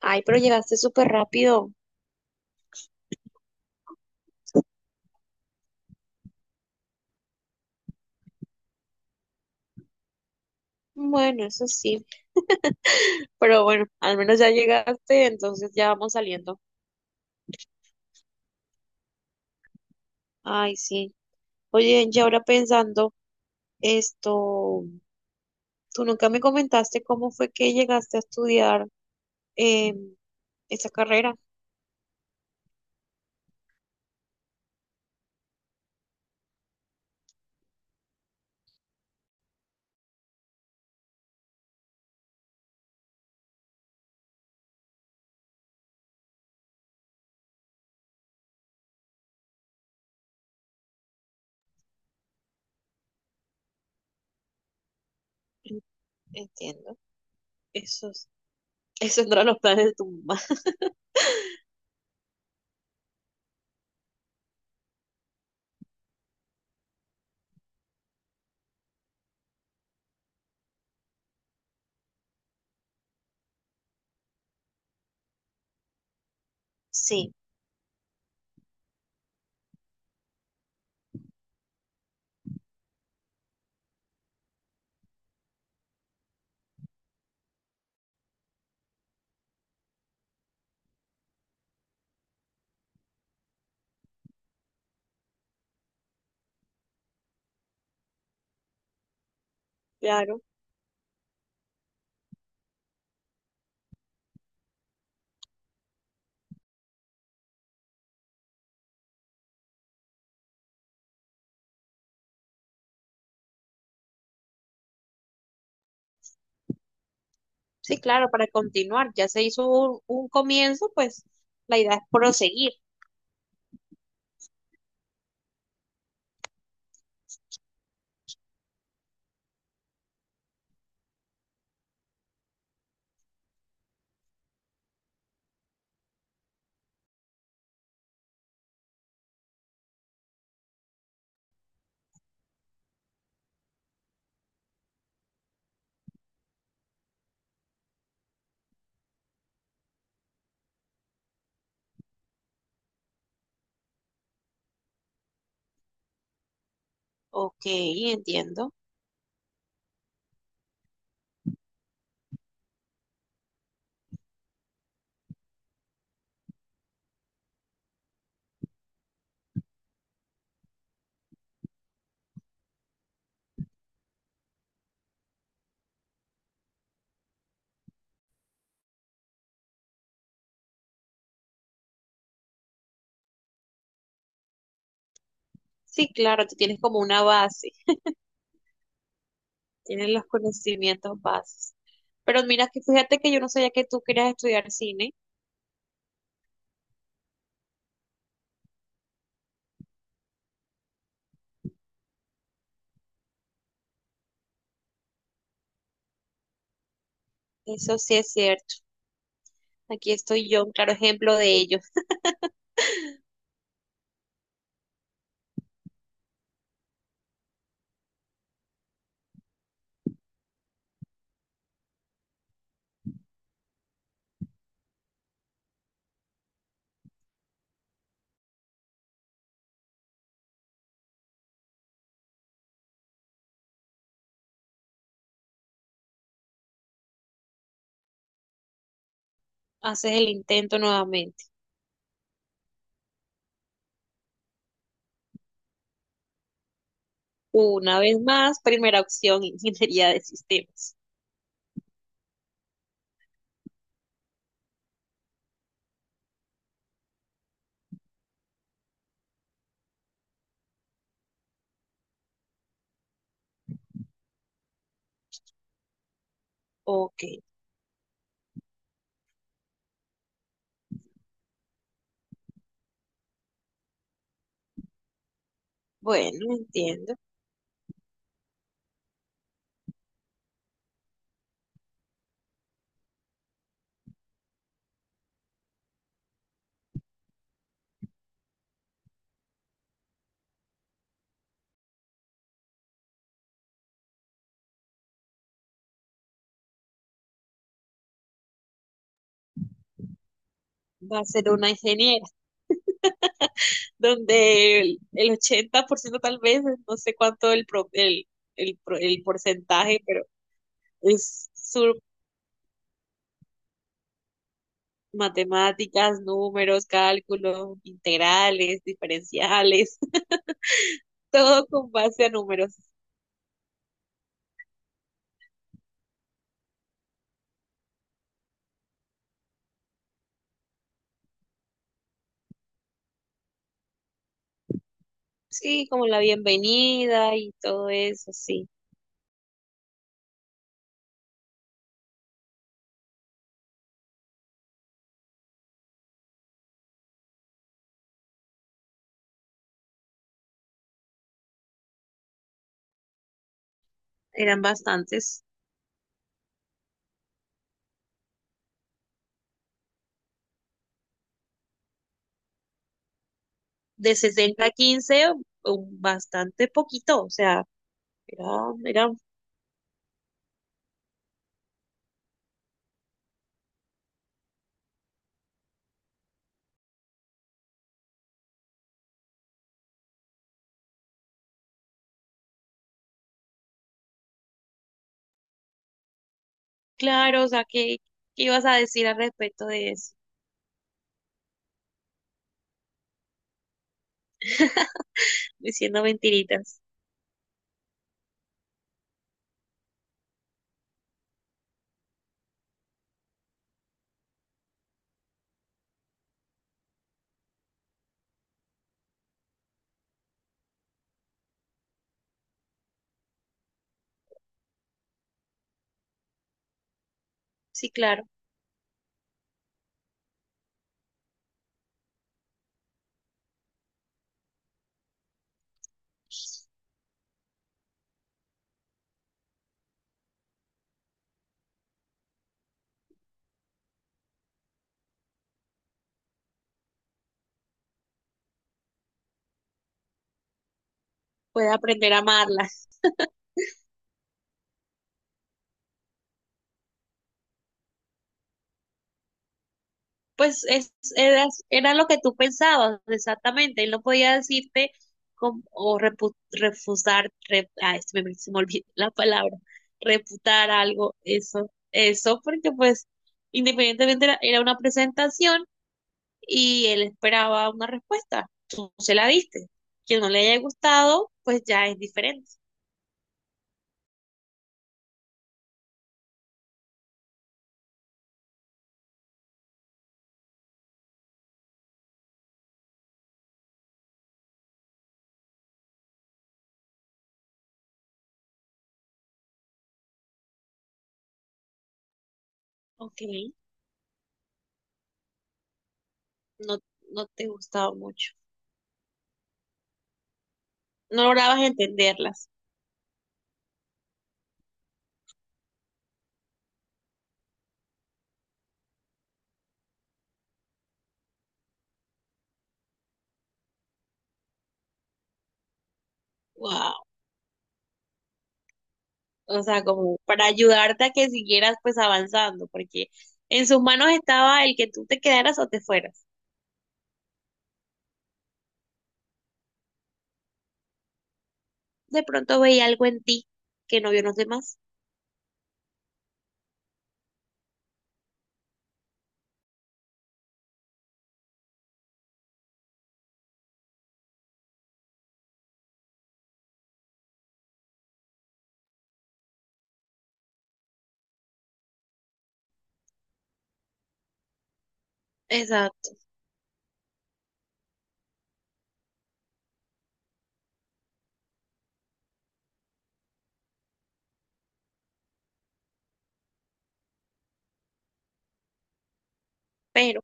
Ay, pero llegaste súper rápido. Bueno, eso sí. Pero bueno, al menos ya llegaste, entonces ya vamos saliendo. Ay, sí. Oye, y ahora pensando esto, tú nunca me comentaste cómo fue que llegaste a estudiar eh, esa carrera. En- Entiendo. Esos, esos no eran los planes de tu mamá. Sí, claro. Sí, claro, para continuar. Ya se hizo un comienzo, pues la idea es proseguir. Ok, entiendo. Sí, claro, tú tienes como una base, tienes los conocimientos bases. Pero mira que fíjate que yo no sabía que tú querías estudiar cine. Eso sí es cierto. Aquí estoy yo, un claro ejemplo de ello. Haces el intento nuevamente. Una vez más, primera opción, ingeniería de sistemas. Ok, bueno, entiendo. Va a ser una ingeniera, donde el 80% tal vez, no sé cuánto el porcentaje, pero es matemáticas, números, cálculos, integrales, diferenciales, todo con base a números. Sí, como la bienvenida y todo eso, sí, eran bastantes. De 60 a 15, bastante poquito, o sea, era, eran claro, o sea, ¿qué ibas a decir al respecto de eso? Diciendo mentiritas. Sí, claro, puede aprender a amarla. Pues es, era, era lo que tú pensabas exactamente. Él no podía decirte com- o repu- refusar, re- ay, se me olvidó la palabra, reputar algo, eso, porque pues independientemente era, era una presentación y él esperaba una respuesta. Tú se la diste. Que no le haya gustado, pues ya es diferente. Ok, no, no te gustaba mucho. No lograbas entenderlas. Wow. O sea, como para ayudarte a que siguieras pues avanzando, porque en sus manos estaba el que tú te quedaras o te fueras. De pronto veía algo en ti que no vio en los demás. Exacto, pero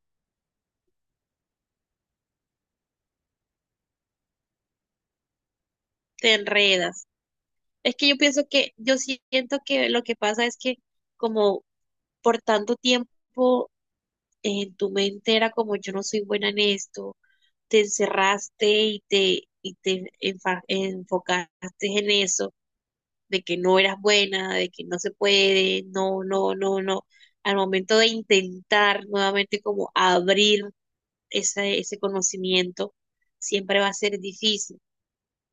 te enredas. Es que yo pienso que, yo siento que lo que pasa es que como por tanto tiempo en tu mente era como yo no soy buena en esto, te encerraste y y enfocaste en eso de que no eras buena, de que no se puede, no, no, no, no. Al momento de intentar nuevamente como abrir ese conocimiento, siempre va a ser difícil,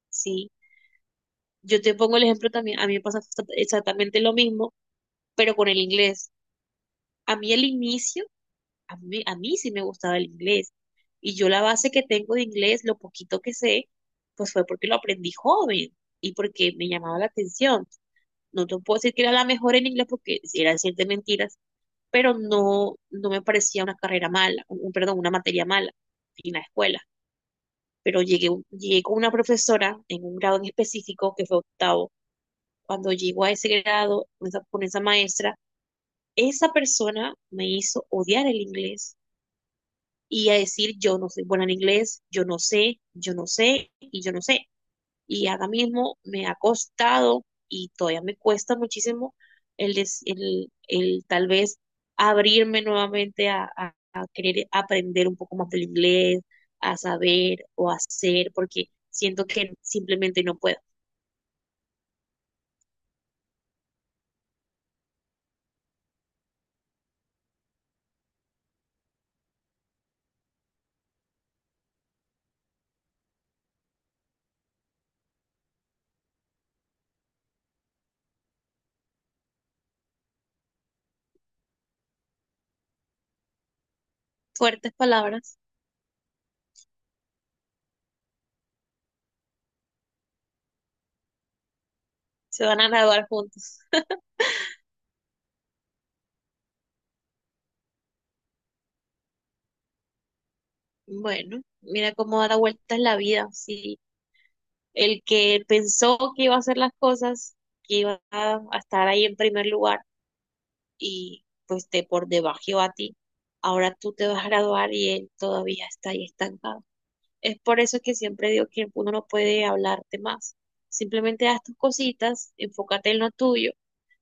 ¿sí? Yo te pongo el ejemplo también, a mí me pasa exactamente lo mismo, pero con el inglés. A mí el inicio, a mí sí me gustaba el inglés. Y yo la base que tengo de inglés, lo poquito que sé, pues fue porque lo aprendí joven y porque me llamaba la atención. No te puedo decir que era la mejor en inglés porque era decir de mentiras, pero no, no me parecía una carrera mala, perdón, una materia mala en la escuela. Pero llegué con una profesora en un grado en específico que fue octavo. Cuando llegó a ese grado con con esa maestra, esa persona me hizo odiar el inglés y a decir yo no soy buena en inglés, yo no sé y yo no sé. Y ahora mismo me ha costado y todavía me cuesta muchísimo el tal vez abrirme nuevamente a querer aprender un poco más del inglés, a saber o hacer, porque siento que simplemente no puedo. Fuertes palabras, se van a graduar juntos. Bueno, mira cómo da la vuelta en la vida. Sí, el que pensó que iba a hacer las cosas, que iba a estar ahí en primer lugar y pues te por debajo a ti. Ahora tú te vas a graduar y él todavía está ahí estancado. Es por eso que siempre digo que uno no puede hablarte más. Simplemente haz tus cositas, enfócate en lo tuyo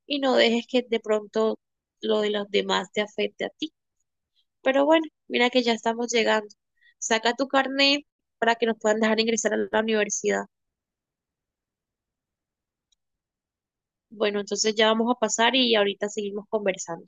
y no dejes que de pronto lo de los demás te afecte a ti. Pero bueno, mira que ya estamos llegando. Saca tu carnet para que nos puedan dejar ingresar a la universidad. Bueno, entonces ya vamos a pasar y ahorita seguimos conversando.